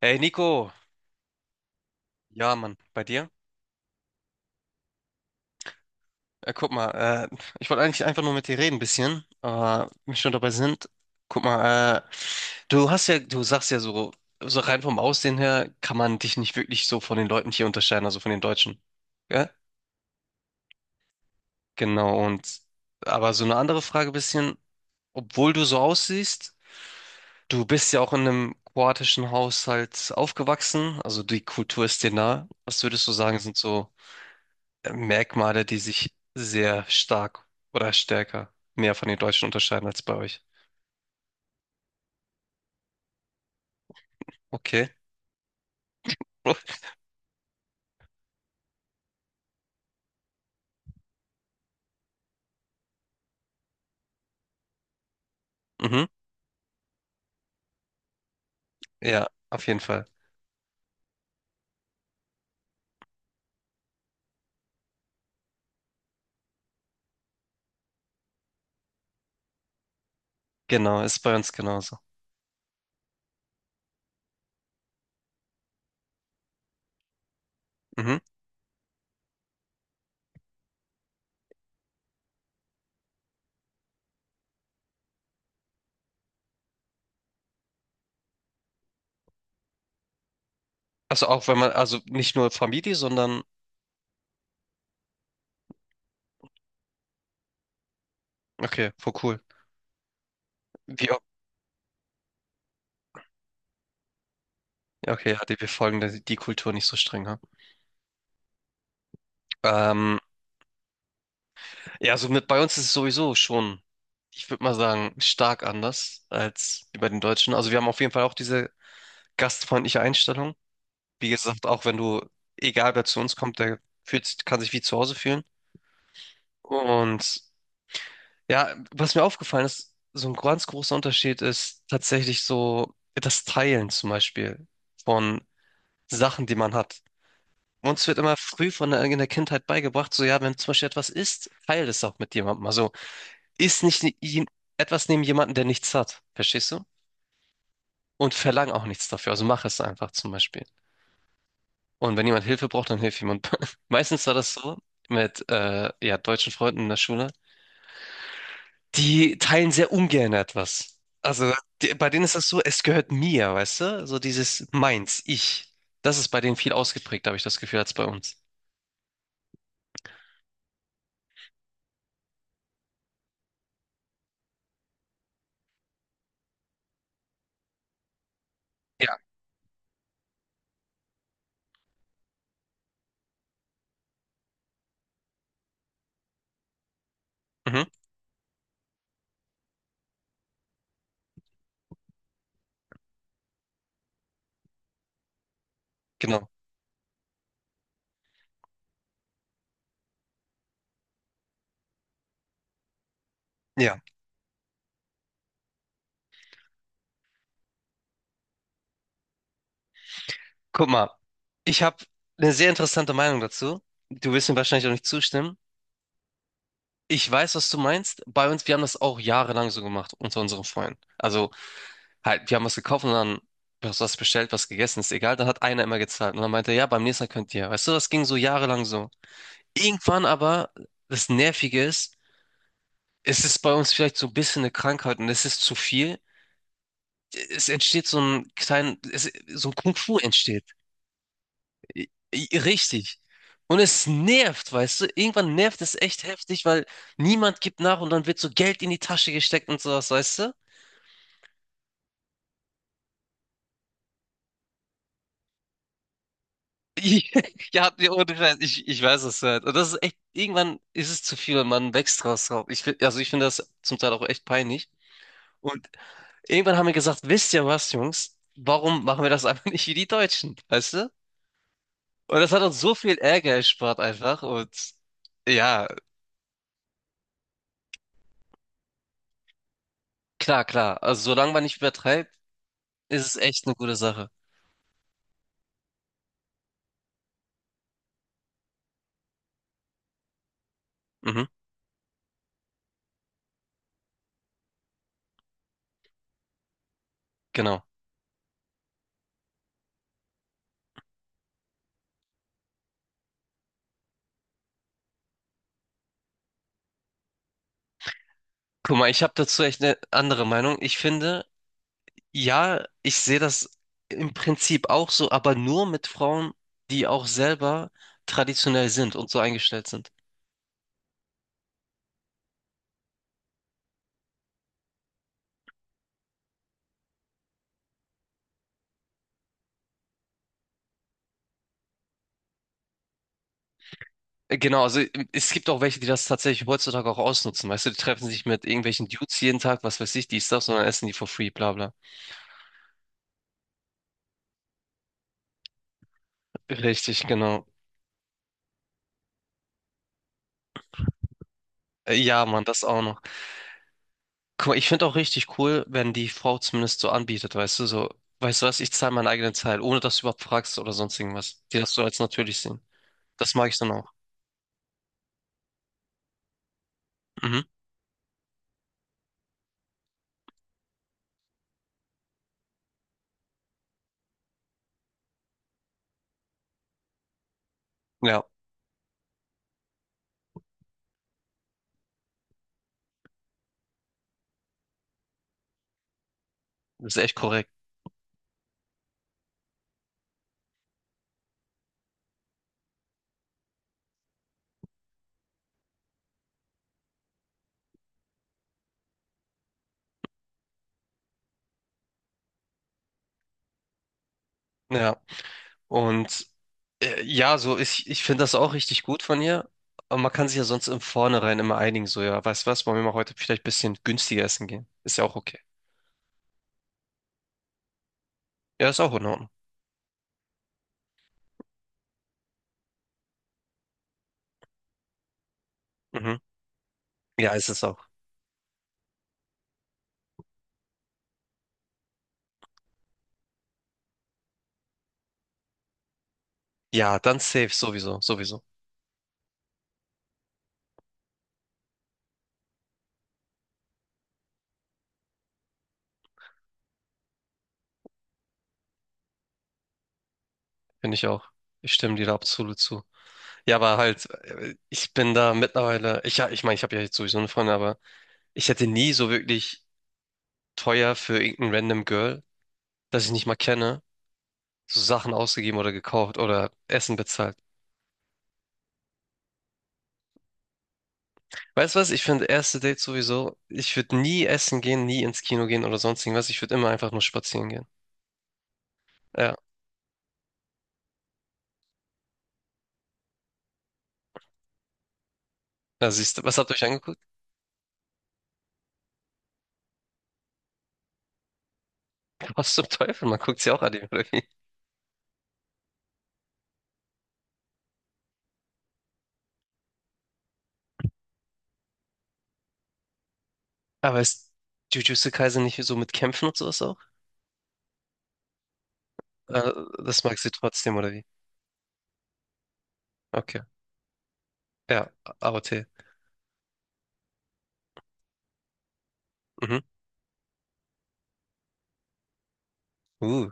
Hey Nico, ja Mann, bei dir? Guck mal, ich wollte eigentlich einfach nur mit dir reden ein bisschen, aber wenn wir schon dabei sind, guck mal, du sagst ja so, so rein vom Aussehen her kann man dich nicht wirklich so von den Leuten hier unterscheiden, also von den Deutschen. Ja? Genau, und aber so eine andere Frage bisschen, obwohl du so aussiehst, du bist ja auch in einem kroatischen Haushalt aufgewachsen, also die Kultur ist dir nah. Was würdest du sagen, sind so Merkmale, die sich sehr stark oder stärker mehr von den Deutschen unterscheiden als bei euch. Okay. Uff. Mhm. Ja, auf jeden Fall. Genau, ist bei uns genauso. Mhm. Also auch wenn man, also nicht nur Familie, sondern, okay, voll cool. Wie, auch- ja, okay, ja, wir folgen die Kultur nicht so streng, ha? Ähm, ja, so mit bei uns ist es sowieso schon, ich würde mal sagen, stark anders als bei den Deutschen. Also wir haben auf jeden Fall auch diese gastfreundliche Einstellung. Wie gesagt, auch wenn du, egal wer zu uns kommt, kann sich wie zu Hause fühlen. Und ja, was mir aufgefallen ist, so ein ganz großer Unterschied ist tatsächlich so das Teilen zum Beispiel von Sachen, die man hat. Uns wird immer früh von in der Kindheit beigebracht, so ja, wenn zum Beispiel etwas ist, teile es auch mit jemandem. Also isst nicht ne- jen- etwas neben jemandem, der nichts hat, verstehst du? Und verlang auch nichts dafür. Also mach es einfach zum Beispiel. Und wenn jemand Hilfe braucht, dann hilft jemand. Meistens war das so mit ja, deutschen Freunden in der Schule. Die teilen sehr ungern etwas. Also bei denen ist das so, es gehört mir, weißt du? So dieses meins, ich. Das ist bei denen viel ausgeprägt, habe ich das Gefühl, als bei uns. Ja, mhm, genau. Ja, guck mal. Ich habe eine sehr interessante Meinung dazu. Du wirst mir wahrscheinlich auch nicht zustimmen. Ich weiß, was du meinst. Bei uns, wir haben das auch jahrelang so gemacht unter unseren Freunden. Also Halt, wir haben was gekauft und dann was bestellt, was gegessen, ist egal. Dann hat einer immer gezahlt und dann meinte er, ja, beim nächsten Mal könnt ihr. Weißt du, das ging so jahrelang so. Irgendwann aber, das Nervige ist, es ist bei uns vielleicht so ein bisschen eine Krankheit und es ist zu viel. Es entsteht so ein Kung-Fu entsteht. Richtig. Und es nervt, weißt du? Irgendwann nervt es echt heftig, weil niemand gibt nach und dann wird so Geld in die Tasche gesteckt und sowas, weißt du? Ich- Ja, nee, ohne Scheiß, ich weiß, was halt. Und das ist echt, irgendwann ist es zu viel und man wächst draus drauf. Also ich finde das zum Teil auch echt peinlich. Und irgendwann haben wir gesagt, wisst ihr was, Jungs, warum machen wir das einfach nicht wie die Deutschen, weißt du? Und das hat uns so viel Ärger erspart einfach. Und ja, klar, klar. Also solange man nicht übertreibt, ist es echt eine gute Sache. Mhm, genau. Guck mal, ich habe dazu echt eine andere Meinung. Ich finde, ja, ich sehe das im Prinzip auch so, aber nur mit Frauen, die auch selber traditionell sind und so eingestellt sind. Genau, also es gibt auch welche, die das tatsächlich heutzutage auch ausnutzen. Weißt du, die treffen sich mit irgendwelchen Dudes jeden Tag, was weiß ich, dies, das, und dann essen die for free, bla bla. Richtig, genau. Ja, Mann, das auch noch. Guck mal, ich finde auch richtig cool, wenn die Frau zumindest so anbietet, weißt du, so, weißt du was, ich zahle meinen eigenen Teil, ohne dass du überhaupt fragst oder sonst irgendwas. Die das so als natürlich sehen. Das mag ich dann auch. Mhm. Ja, das ist echt korrekt. Ja, und ja, ich finde das auch richtig gut von ihr. Aber man kann sich ja sonst im Vornherein immer einigen, so ja, weißt du was, wollen wir mal heute vielleicht ein bisschen günstiger essen gehen? Ist ja auch okay. Ja, ist auch in Ordnung. Mhm. Ja, ist es auch. Ja, dann safe, sowieso, sowieso. Finde ich auch. Ich stimme dir da absolut zu. Ja, aber halt, ich bin da mittlerweile, ich meine, ich habe ja jetzt sowieso eine Freundin, aber ich hätte nie so wirklich teuer für irgendein random Girl, das ich nicht mal kenne, so Sachen ausgegeben oder gekauft oder Essen bezahlt. Weißt du was? Ich finde erste Dates sowieso, ich würde nie essen gehen, nie ins Kino gehen oder sonst irgendwas. Ich würde immer einfach nur spazieren gehen. Ja. Na, siehst du, was habt ihr euch angeguckt? Was zum Teufel? Man guckt sie auch an, oder wie? Aber ist Jujutsu Kaisen nicht so mit Kämpfen und sowas auch? Äh, Das magst du trotzdem, oder wie? Okay. Ja, AOT. Mhm. Uh.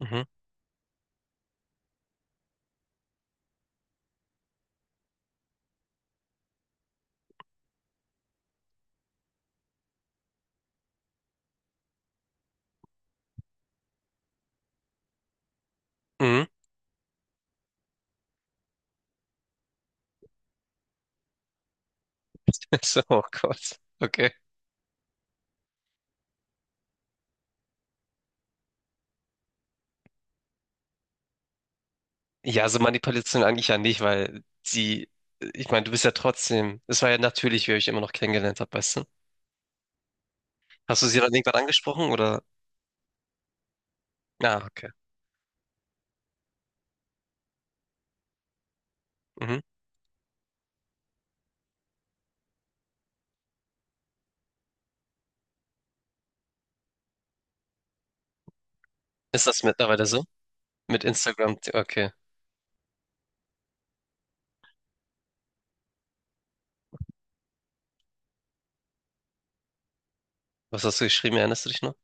Mhm. Mhm. So, oh Gott. Okay. Ja, so Manipulation eigentlich ja nicht, weil sie, ich meine, du bist ja trotzdem, es war ja natürlich, wie ihr euch immer noch kennengelernt habt, weißt du? Hast du sie dann irgendwann angesprochen oder? Ah, okay. Mhm. Ist das mittlerweile so? Mit Instagram? Okay. Was hast du geschrieben? Erinnerst du dich noch?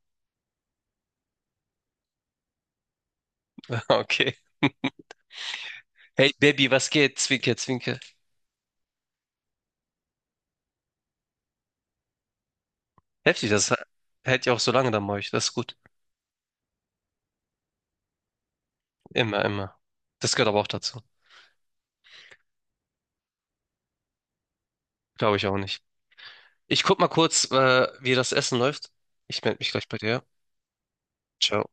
Okay. Hey, Baby, was geht? Zwinker, zwinker. Heftig, hält ja auch so lange dann bei euch. Das ist gut. Immer, immer. Das gehört aber auch dazu. Glaube ich auch nicht. Ich guck mal kurz, wie das Essen läuft. Ich melde mich gleich bei dir. Ciao.